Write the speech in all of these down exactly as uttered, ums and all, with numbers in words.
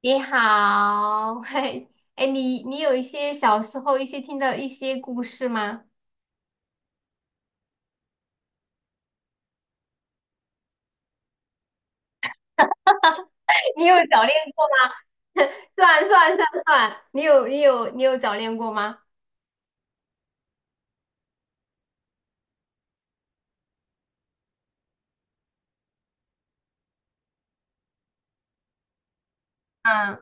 你好，嘿，哎，你你有一些小时候一些听到一些故事吗？你有早恋过吗？算算算算，你有你有你有早恋过吗？嗯，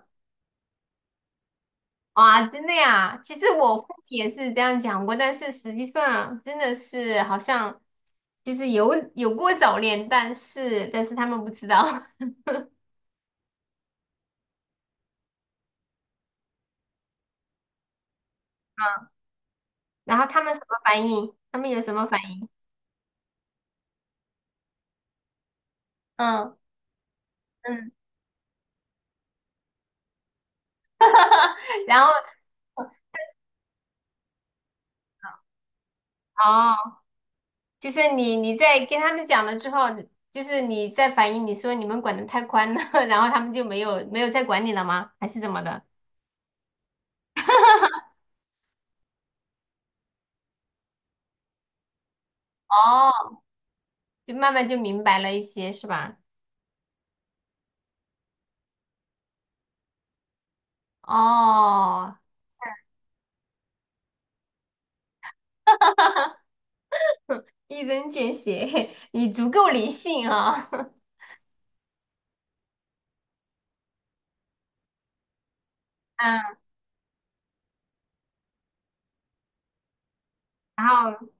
哇，真的呀，其实我父母也是这样讲过，但是实际上真的是好像其实有有过早恋，但是但是他们不知道，嗯，然后他们什么反应？他们有什么反应？嗯嗯，然后。哦，就是你你在跟他们讲了之后，就是你在反映你说你们管得太宽了，然后他们就没有没有再管你了吗？还是怎么的？哦，就慢慢就明白了一些，是吧？哦，一针见血，你足够理性啊、嗯，然后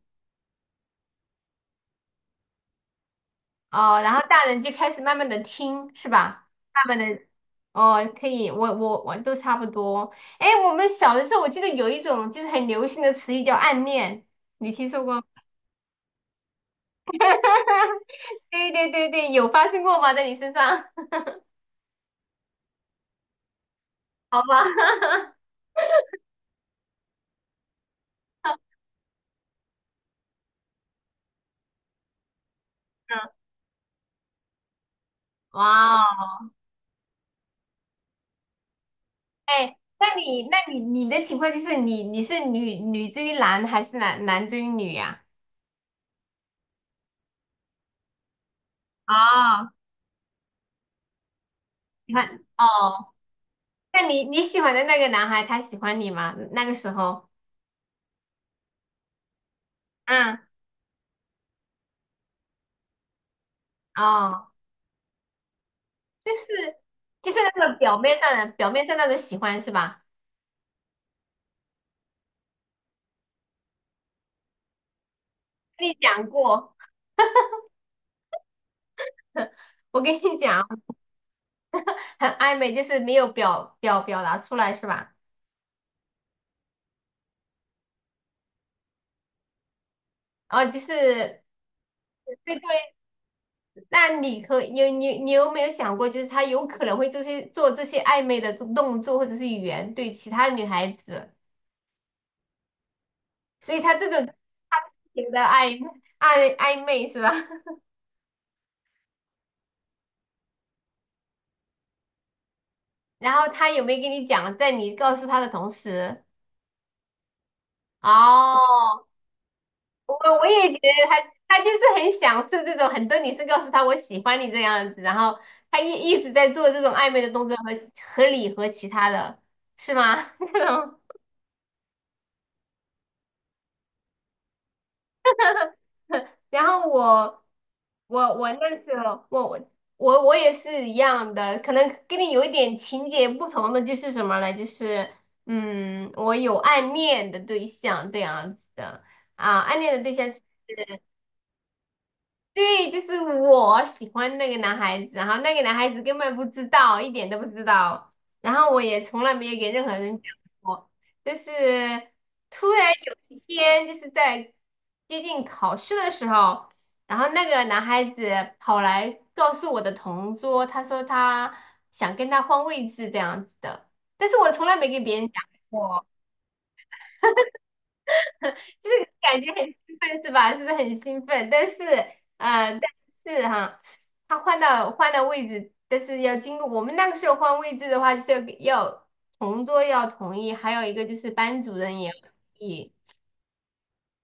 哦，然后大人就开始慢慢的听，是吧？慢慢的，哦，可以，我我我都差不多。哎，我们小的时候，我记得有一种就是很流行的词语叫暗恋，你听说过吗？对对对对，有发生过吗？在你身上？好吧，哇哦，哎，那你那你你的情况就是你你是女女追男还是男男追女呀、啊？哦，你看哦，那你你喜欢的那个男孩他喜欢你吗？那个时候？嗯，哦，就是就是那个表面上的表面上那种喜欢是吧？跟你讲过，我跟你讲，很暧昧，就是没有表表表达出来是吧？哦，就是。对对。那你可你有你你有没有想过，就是他有可能会这些做这些暧昧的动作或者是语言对其他女孩子，所以他这种情的暧暧 暧昧是吧？然后他有没有跟你讲，在你告诉他的同时，哦，我我也觉得他他就是很享受这种，很多女生告诉他我喜欢你这样子，然后他一一直在做这种暧昧的动作和和你和其他的是吗？这种。然后我我我那时候我我我我也是一样的，可能跟你有一点情节不同的就是什么呢？就是嗯，我有暗恋的对象这样子的啊，暗恋的对象。是。对，就是我喜欢那个男孩子，然后那个男孩子根本不知道，一点都不知道，然后我也从来没有给任何人讲过。就是突然有一天，就是在接近考试的时候，然后那个男孩子跑来告诉我的同桌，他说他想跟他换位置这样子的，但是我从来没给别人讲过。就是感觉很兴奋是吧？是不是很兴奋？但是，嗯、但是哈，他换到换到位置，但是要经过我们那个时候换位置的话，就是要给要同桌要同意，还有一个就是班主任也要同意。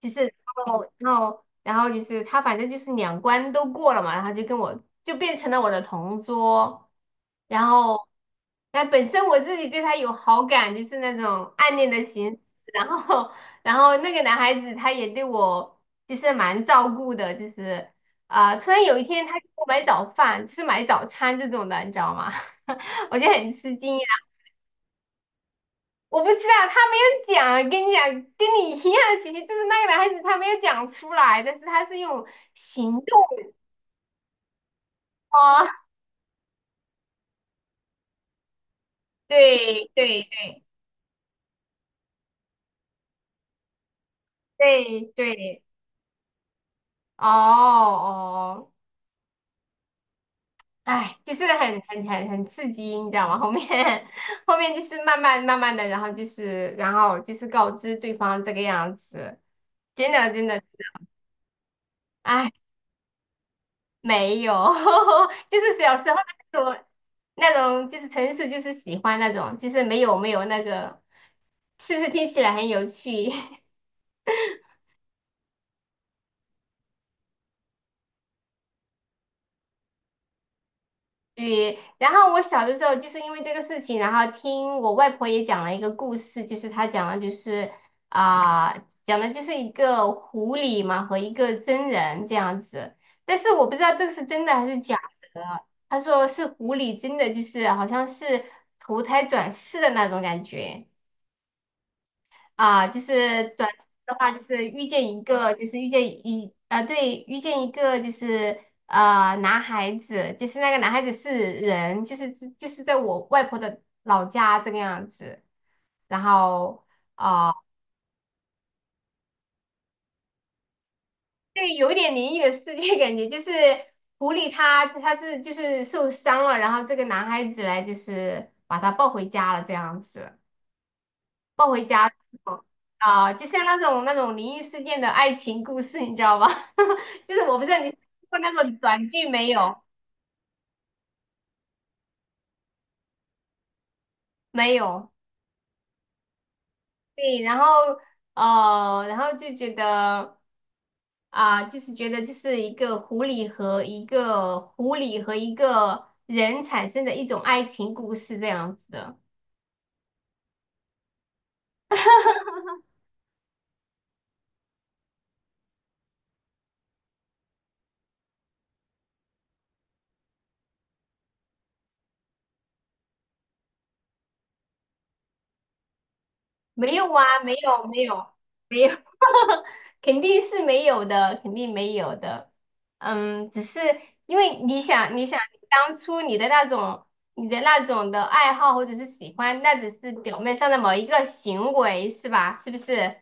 就是，然后，然后，然后就是他，反正就是两关都过了嘛，然后就跟我就变成了我的同桌，然后，但本身我自己对他有好感，就是那种暗恋的形式，然后，然后那个男孩子他也对我就是蛮照顾的，就是啊、呃突然有一天他给我买早饭，就是买早餐这种的，你知道吗？我就很吃惊我不知道，他没有讲，跟你讲，跟你一样的情形，就是那个男孩子他没有讲出来，但是他是用行动啊，对对对对，哦哦，哎，就是很很很很刺激，你知道吗？后面 后面就是慢慢慢慢的，然后就是然后就是告知对方这个样子，真的真的，哎。没有，就是小时候那种那种，就是纯属就是喜欢那种，就是没有没有那个，是不是听起来很有趣？对，然后我小的时候就是因为这个事情，然后听我外婆也讲了一个故事，就是她讲的就是啊、讲的就是一个狐狸嘛和一个真人这样子，但是我不知道这个是真的还是假的。她说是狐狸真的就是好像是投胎转世的那种感觉。啊，就是短期的话，就是遇见一个，就是遇见一呃，对，遇见一个就是呃男孩子，就是那个男孩子是人，就是就是在我外婆的老家这个样子，然后对，有一点灵异的世界感觉，就是狐狸它它是就是受伤了，然后这个男孩子来就是把他抱回家了这样子。抱回家之后啊、就像那种那种灵异事件的爱情故事，你知道吧？就是我不知道你看过那个短剧没有？没有。对，然后呃，然后就觉得啊、就是觉得就是一个狐狸和一个狐狸和一个人产生的一种爱情故事这样子的。没有啊，没有没有没有，肯定是没有的，肯定没有的。嗯，只是因为你想，你想当初你的那种，你的那种的爱好或者是喜欢，那只是表面上的某一个行为，是吧？是不是？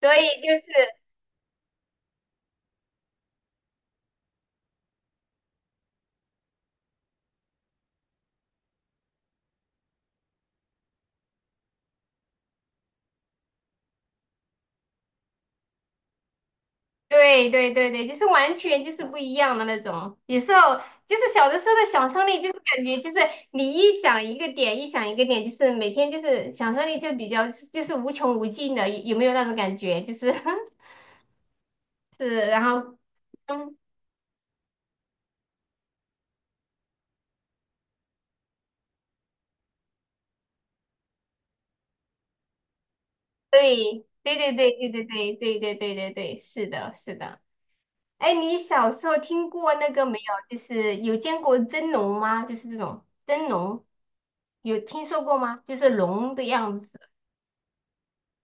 所以就是。对对对对，就是完全就是不一样的那种。有时候就是小的时候的想象力，就是感觉就是你一想一个点，一想一个点，就是每天就是想象力就比较就是无穷无尽的，有有没有那种感觉？就是 是，然后嗯，对对对对对对对对对对对对，是的，是的。哎，你小时候听过那个没有？就是有见过真龙吗？就是这种真龙，有听说过吗？就是龙的样子。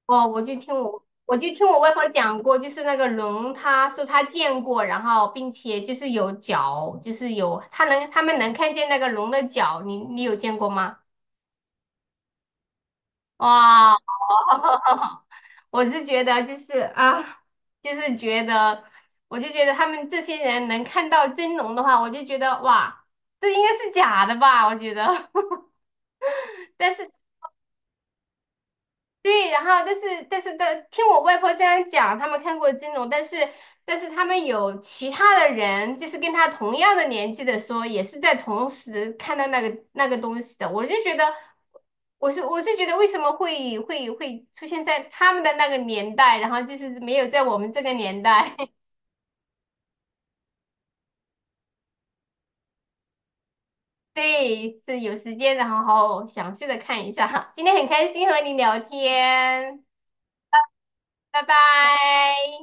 哦，我就听我我就听我外婆讲过，就是那个龙，她说她见过，然后并且就是有脚，就是有她能他们能看见那个龙的脚，你你有见过吗？哇，我是觉得就是啊，就是觉得，我就觉得他们这些人能看到真龙的话，我就觉得哇，这应该是假的吧？我觉得，但是对，然后但是但是的，听我外婆这样讲，他们看过金融，但是但是他们有其他的人，就是跟他同样的年纪的说，也是在同时看到那个那个东西的，我就觉得，我是我是觉得为什么会会会出现在他们的那个年代，然后就是没有在我们这个年代，对，是有时间然后好好详细的看一下。今天很开心和你聊天，拜拜。